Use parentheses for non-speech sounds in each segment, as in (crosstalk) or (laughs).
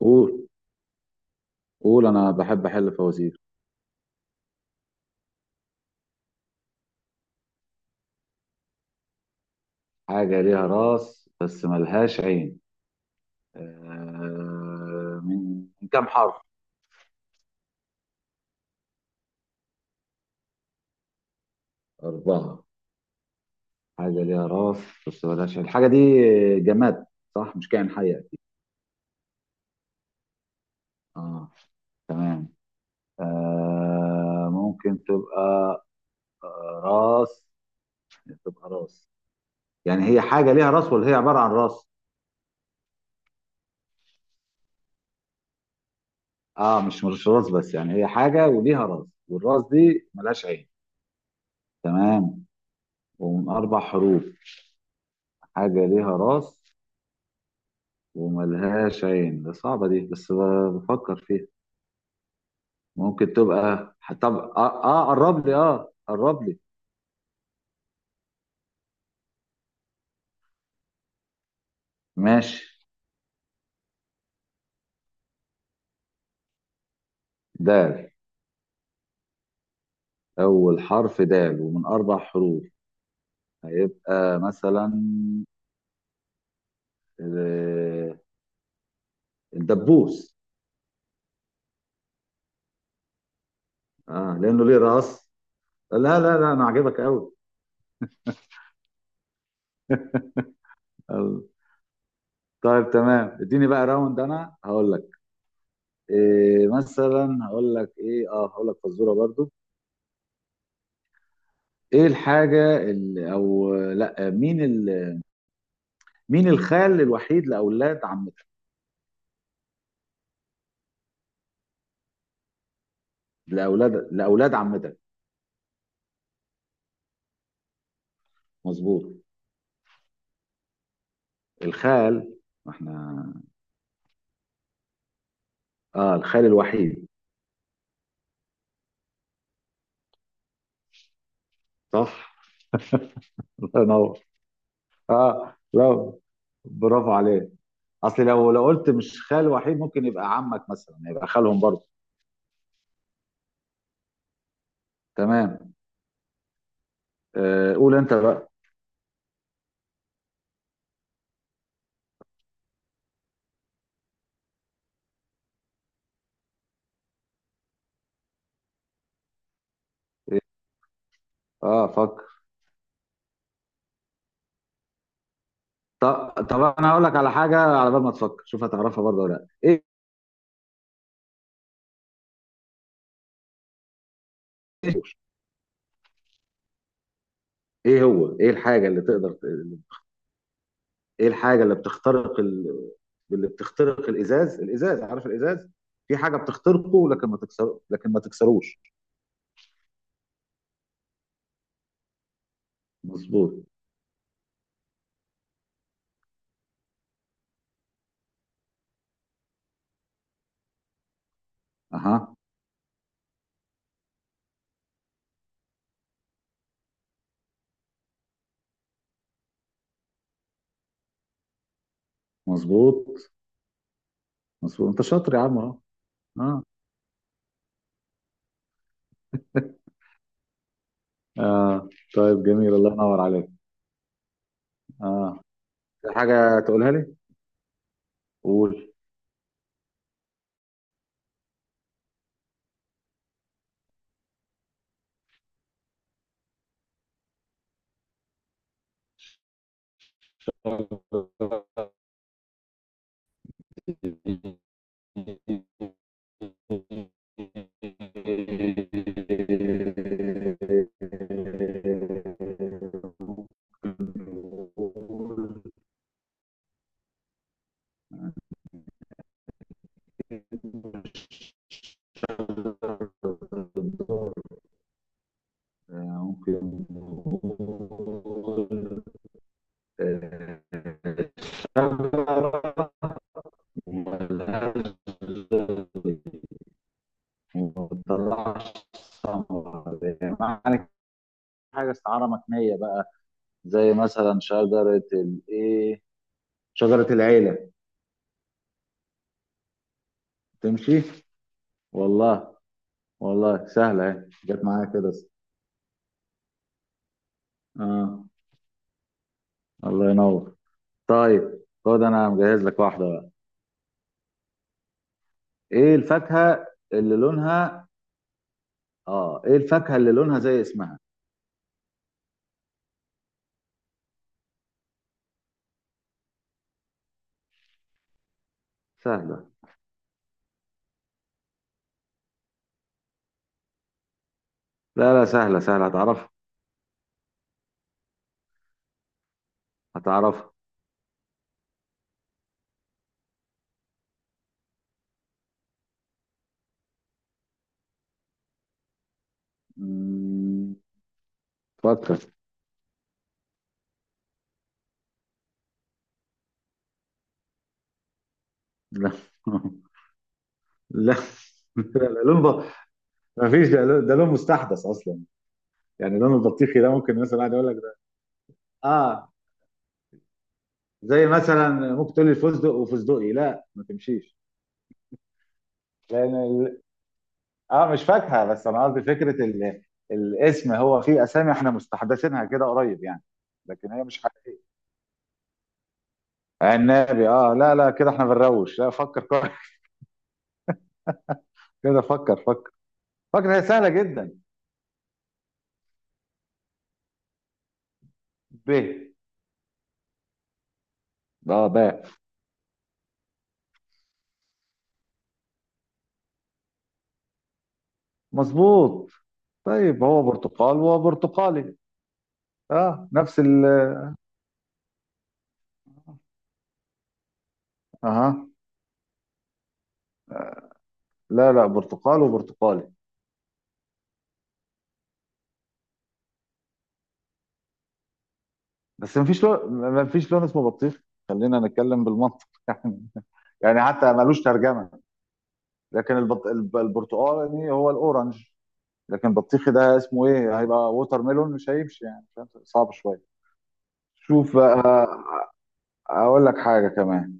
قول قول، انا بحب احل فوازير. حاجه ليها راس بس ملهاش عين. من كام حرف؟ اربعه. حاجه ليها راس بس ملهاش عين. الحاجه دي جماد، صح؟ مش كائن حي اكيد. اه. تمام. آه ممكن تبقى آه، راس تبقى راس. يعني هي حاجه ليها راس، ولا هي عباره عن راس؟ اه، مش راس، بس يعني هي حاجه وليها راس، والراس دي ملهاش عين. تمام، ومن 4 حروف. حاجة ليها راس وملهاش عين، ده صعبة دي، بس بفكر فيها. ممكن تبقى. طب قرب لي، قرب لي. ماشي. دال. أول حرف دال، ومن 4 حروف. هيبقى مثلا آه، الدبوس. اه، لأنه ليه راس. لا، لا، لا، أنا عاجبك أوي. أوي. طيب، تمام، اديني بقى راوند، انا هقول لك. إيه مثلا هقول لك ايه اه هقول لك فزوره برضو. ايه الحاجة ال- او لا مين ال... مين الخال الوحيد لاولاد عمتك؟ لاولاد عمتك. مظبوط. الخال. ما احنا. اه، الخال الوحيد. صح. (laughs) الله ينور. اه، لا، برافو عليك. اصل لو قلت مش خال وحيد، ممكن يبقى عمك مثلا يبقى خالهم برضه. تمام، قول انت بقى. اه، فكر. طب انا هقول لك على حاجه، على بال ما تفكر شوف هتعرفها برضه ولا لا ايه. ايه هو ايه الحاجه اللي تقدر. ايه الحاجه اللي بتخترق الازاز، الازاز، عارف الازاز؟ في حاجه بتخترقه، لكن ما تكسروش. مظبوط. اها. مظبوط، مظبوط، انت شاطر يا عم اهو. اه، اه. طيب جميل، الله ينور عليك. اه، في حاجه تقولها لي؟ قول. معنى حاجه استعاره مكنيه بقى. زي مثلا شجرة الايه. شجرة العيلة. تمشي؟ والله. والله سهلة اهي، جت معايا كده. اه، الله ينور. طيب خد، انا مجهز لك واحدة بقى. ايه الفاكهة اللي لونها اه، ايه الفاكهة اللي لونها زي اسمها؟ سهلة. لا، لا، سهلة سهلة، هتعرفها هتعرفها. مم. فكر. لا (laughs) لا (laughs) لا، لا، لون ما فيش، ده لون، ده لون مستحدث اصلا. يعني لون البطيخي ده، ممكن مثلا واحد يقول لك ده. اه. زي مثلا. ممكن تقول لي الفستق وفستقي، لا، ما تمشيش. لان اه، مش فاكهه، بس انا قصدي فكره الاسم، هو في اسامي احنا مستحدثينها كده قريب يعني. لكن هي مش حاجه. عنابي. اه، لا، لا، كده احنا بنروش، لا، فكر كويس. (laughs) كده فكر، فكر. فكر، هي سهله جدا. ب. اه، باء. مظبوط. طيب، هو برتقال وهو برتقالي. اه، نفس ال. اها. لا، لا، برتقال وبرتقالي. بس مفيش لون، مفيش لون اسمه بطيخ. خلينا نتكلم بالمنطق. (laughs) يعني حتى ملوش ترجمه. لكن البرتقالي هو الاورنج. لكن البطيخي ده اسمه ايه، هيبقى ووتر ميلون، مش هيمشي يعني، فاهم؟ صعب شويه. شوف بقى. اقول لك حاجه كمان.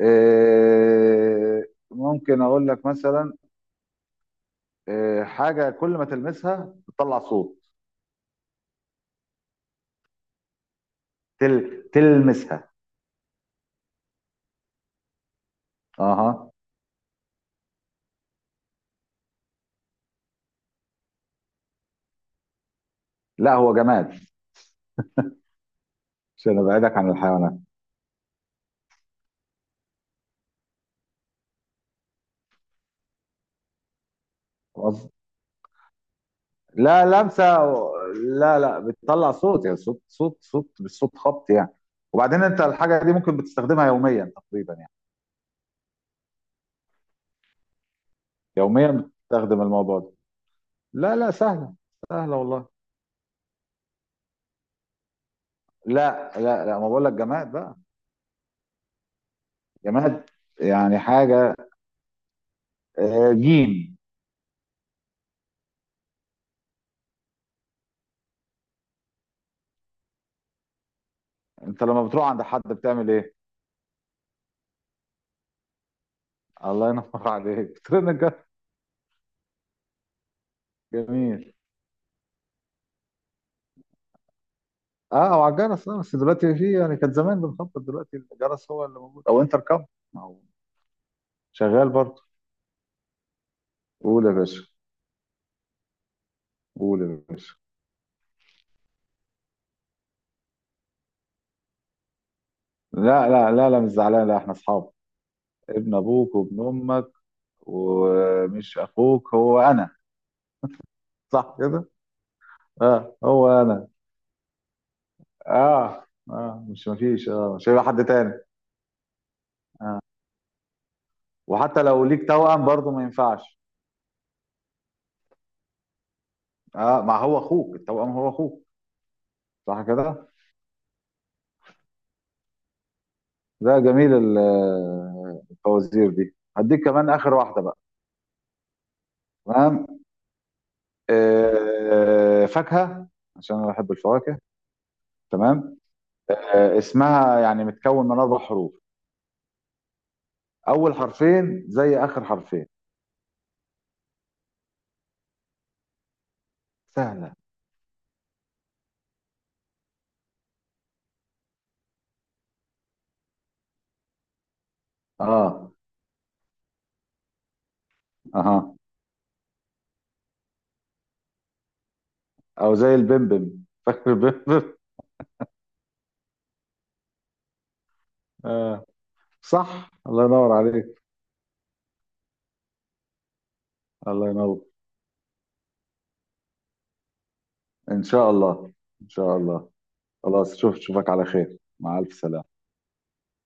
إيه، ممكن اقول لك مثلا. إيه حاجه كل ما تلمسها بتطلع صوت؟ تلمسها. اها. لا، هو جماد. عشان ابعدك عن الحيوانات. لا، لمسه لا، لا، بتطلع صوت، يعني صوت، صوت، صوت، مش صوت خبط يعني. وبعدين انت الحاجه دي ممكن بتستخدمها يوميا تقريبا يعني. يوميا بتستخدم الموضوع ده. لا، لا، سهله. سهله والله. لا، لا، لا، ما بقول لك جماد بقى. جماد. يعني حاجه، جيم. انت لما بتروح عند حد بتعمل ايه؟ الله ينور عليك، (laughs) بترن الجرس. جميل. اه، او على الجرس، بس دلوقتي في يعني كان زمان بنخبط، دلوقتي الجرس هو اللي موجود او انتركم. ما هو. شغال برضه. قول يا باشا. قول يا باشا. لا، لا، لا، لا، مش زعلان، لا، احنا اصحاب. ابن ابوك وابن امك. ومش اخوك، هو انا. صح كده. اه، هو انا. اه، اه، مش مفيش اه مش هيبقى حد تاني. وحتى لو ليك توأم برضه ما ينفعش. اه، ما هو اخوك التوأم هو اخوك. صح كده. ده جميل الفوازير دي هديك كمان اخر واحده بقى. تمام. فاكهه. عشان انا بحب الفواكه. تمام. اسمها يعني متكون من 4 حروف. اول حرفين زي اخر حرفين. سهله. اه. اها. او زي البمبم، (laughs) فاكر البمبم؟ آه. صح، الله ينور عليك. الله ينور. ان شاء الله. ان شاء الله. خلاص، شوفك على خير، مع الف سلامه.